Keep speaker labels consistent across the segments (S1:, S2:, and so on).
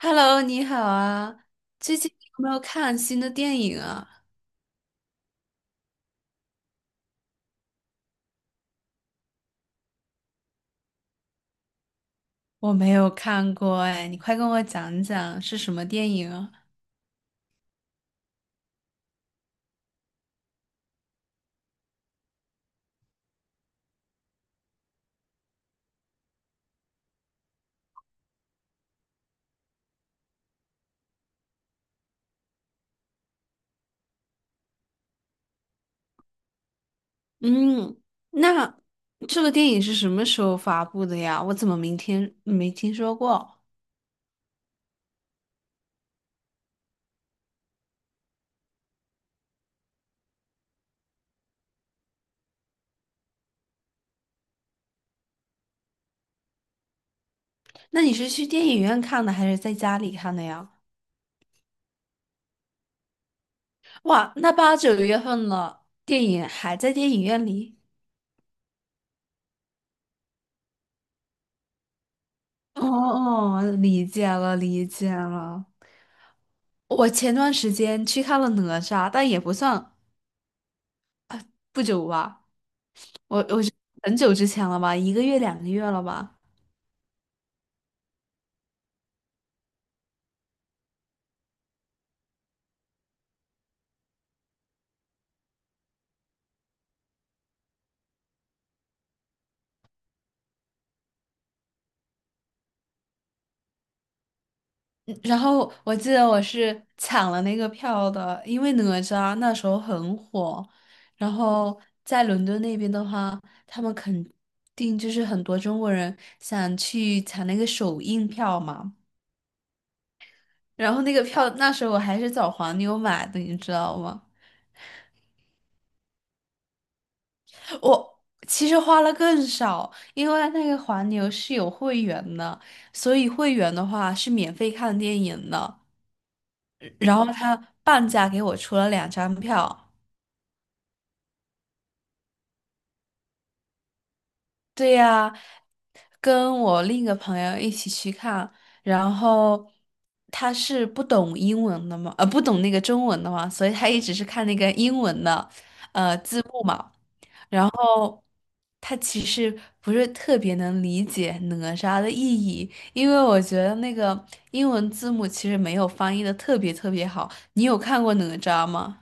S1: Hello，你好啊！最近有没有看新的电影啊？我没有看过哎，你快跟我讲讲是什么电影啊？嗯，那这个电影是什么时候发布的呀？我怎么明天没听说过？那你是去电影院看的还是在家里看的呀？哇，那八九月份了，电影还在电影院里？哦哦，理解了，理解了。我前段时间去看了哪吒，但也不算不久吧，我是很久之前了吧，一个月两个月了吧。嗯然后我记得我是抢了那个票的，因为哪吒那时候很火，然后在伦敦那边的话，他们肯定就是很多中国人想去抢那个首映票嘛。然后那个票那时候我还是找黄牛买的，你知道吗？我其实花了更少，因为那个黄牛是有会员的，所以会员的话是免费看电影的。然后他半价给我出了两张票，对呀，跟我另一个朋友一起去看，然后他是不懂英文的嘛，不懂那个中文的嘛，所以他一直是看那个英文的，字幕嘛。他其实不是特别能理解哪吒的意义，因为我觉得那个英文字母其实没有翻译的特别特别好。你有看过哪吒吗？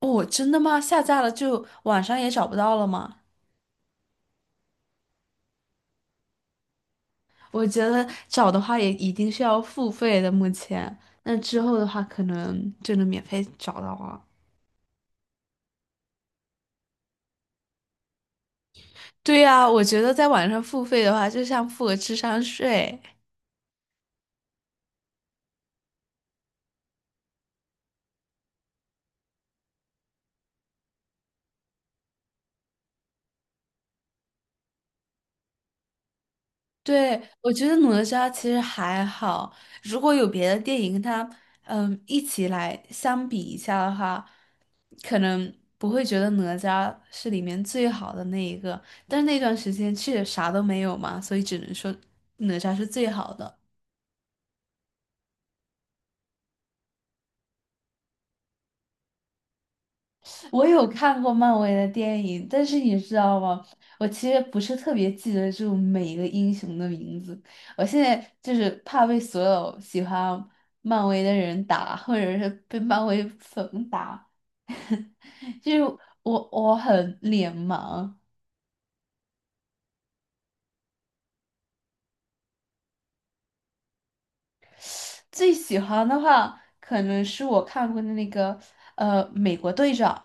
S1: 哦，真的吗？下架了就网上也找不到了吗？我觉得找的话也一定是要付费的，目前。那之后的话，可能就能免费找到了。对呀，我觉得在网上付费的话，就像付个智商税。对，我觉得哪吒其实还好，如果有别的电影跟他一起来相比一下的话，可能不会觉得哪吒是里面最好的那一个，但是那段时间确实啥都没有嘛，所以只能说哪吒是最好的。我有看过漫威的电影，但是你知道吗？我其实不是特别记得住每一个英雄的名字。我现在就是怕被所有喜欢漫威的人打，或者是被漫威粉打。就是我很脸盲。最喜欢的话，可能是我看过的那个美国队长。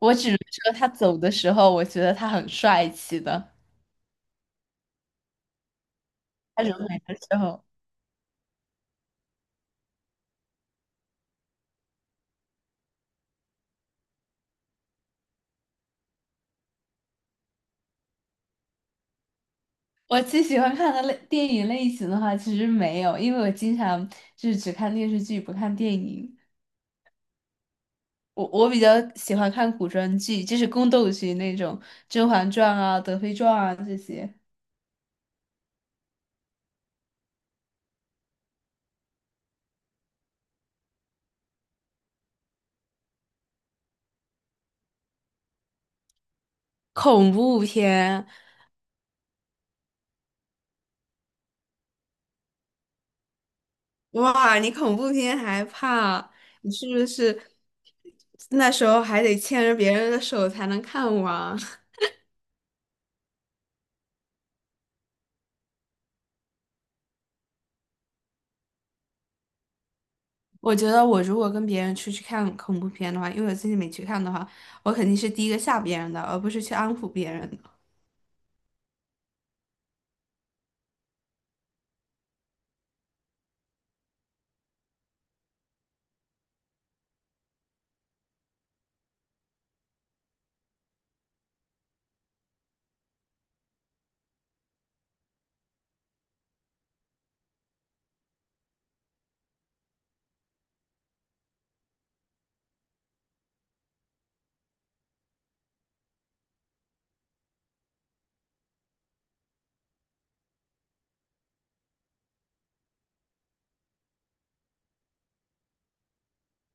S1: 我只能说他走的时候，我觉得他很帅气的。他人美的时候。我最喜欢看的类电影类型的话，其实没有，因为我经常就是只看电视剧，不看电影。我比较喜欢看古装剧，就是宫斗剧那种《甄嬛传》啊、《德妃传》啊这些。恐怖片，哇，你恐怖片还怕？你是不是那时候还得牵着别人的手才能看完？我觉得我如果跟别人出去看恐怖片的话，因为我自己没去看的话，我肯定是第一个吓别人的，而不是去安抚别人。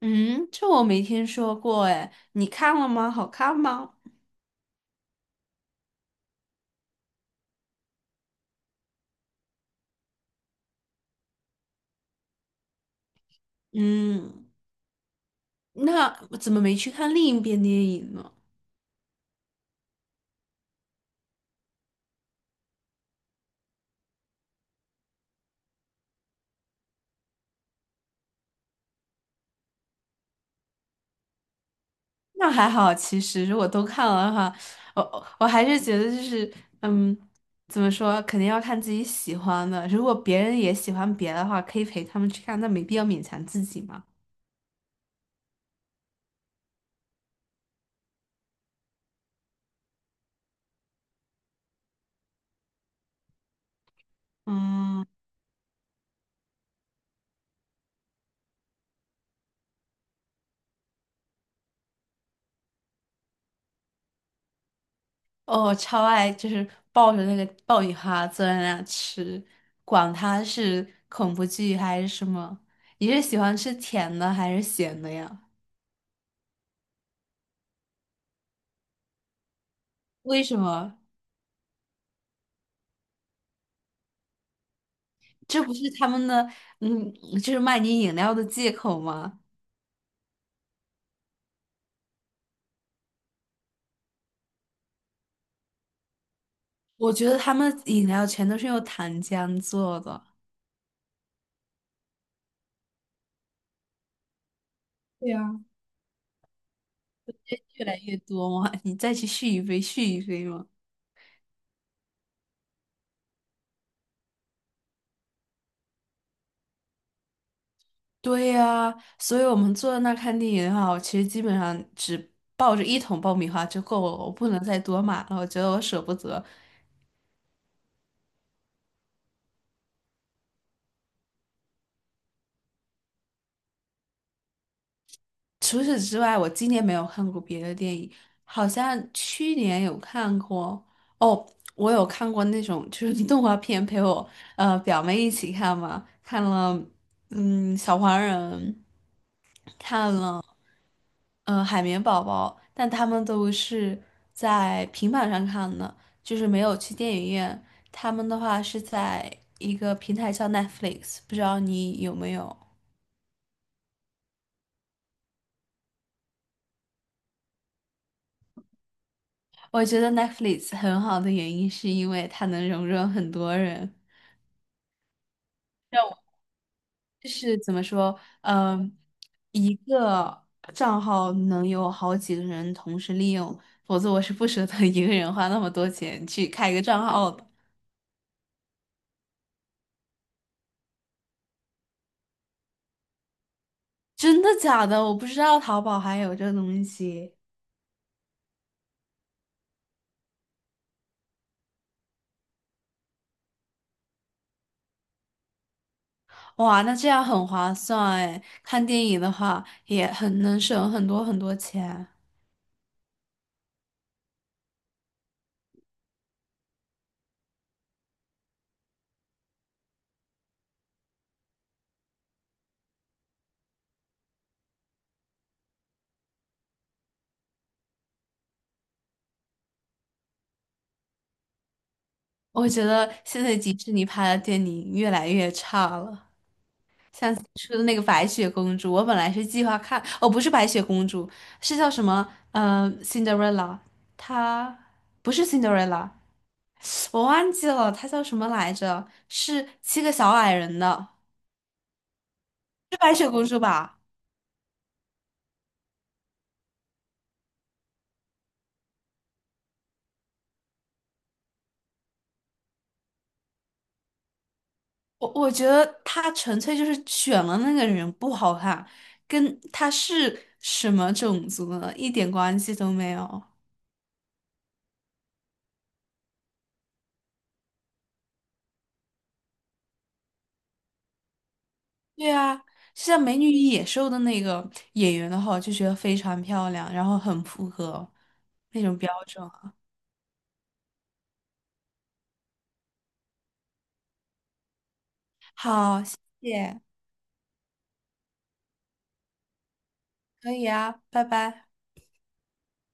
S1: 嗯，这我没听说过哎，你看了吗？好看吗？嗯，那我怎么没去看另一边电影呢？那还好，其实如果都看了的话，我还是觉得就是，嗯，怎么说，肯定要看自己喜欢的。如果别人也喜欢别的话，可以陪他们去看，那没必要勉强自己嘛。嗯。哦，超爱，就是抱着那个爆米花坐在那吃，管它是恐怖剧还是什么。你是喜欢吃甜的还是咸的呀？为什么？这不是他们的，嗯，就是卖你饮料的借口吗？我觉得他们饮料全都是用糖浆做的，对呀。越来越多嘛，你再去续一杯，续一杯嘛。对呀，所以我们坐在那儿看电影的话，我其实基本上只抱着一桶爆米花就够了，我不能再多买了，我觉得我舍不得。除此之外，我今年没有看过别的电影，好像去年有看过哦，我有看过那种就是 动画片，陪我表妹一起看嘛，看了小黄人，看了嗯，海绵宝宝，但他们都是在平板上看的，就是没有去电影院。他们的话是在一个平台叫 Netflix,不知道你有没有？我觉得 Netflix 很好的原因是因为它能容忍很多人，就是怎么说，一个账号能有好几个人同时利用，否则我是不舍得一个人花那么多钱去开一个账号的。真的假的？我不知道淘宝还有这东西。哇，那这样很划算哎！看电影的话也很能省很多很多钱。我觉得现在迪士尼拍的电影越来越差了，像最初的那个《白雪公主》，我本来是计划看，哦，不是《白雪公主》，是叫什么？嗯，《Cinderella 它不是 Cinderella,我忘记了，它叫什么来着？是七个小矮人的，是《白雪公主》吧？我觉得他纯粹就是选了那个人不好看，跟他是什么种族呢，一点关系都没有。对啊，就像《美女与野兽》的那个演员的话，我就觉得非常漂亮，然后很符合那种标准啊好，谢谢，可以啊，拜拜。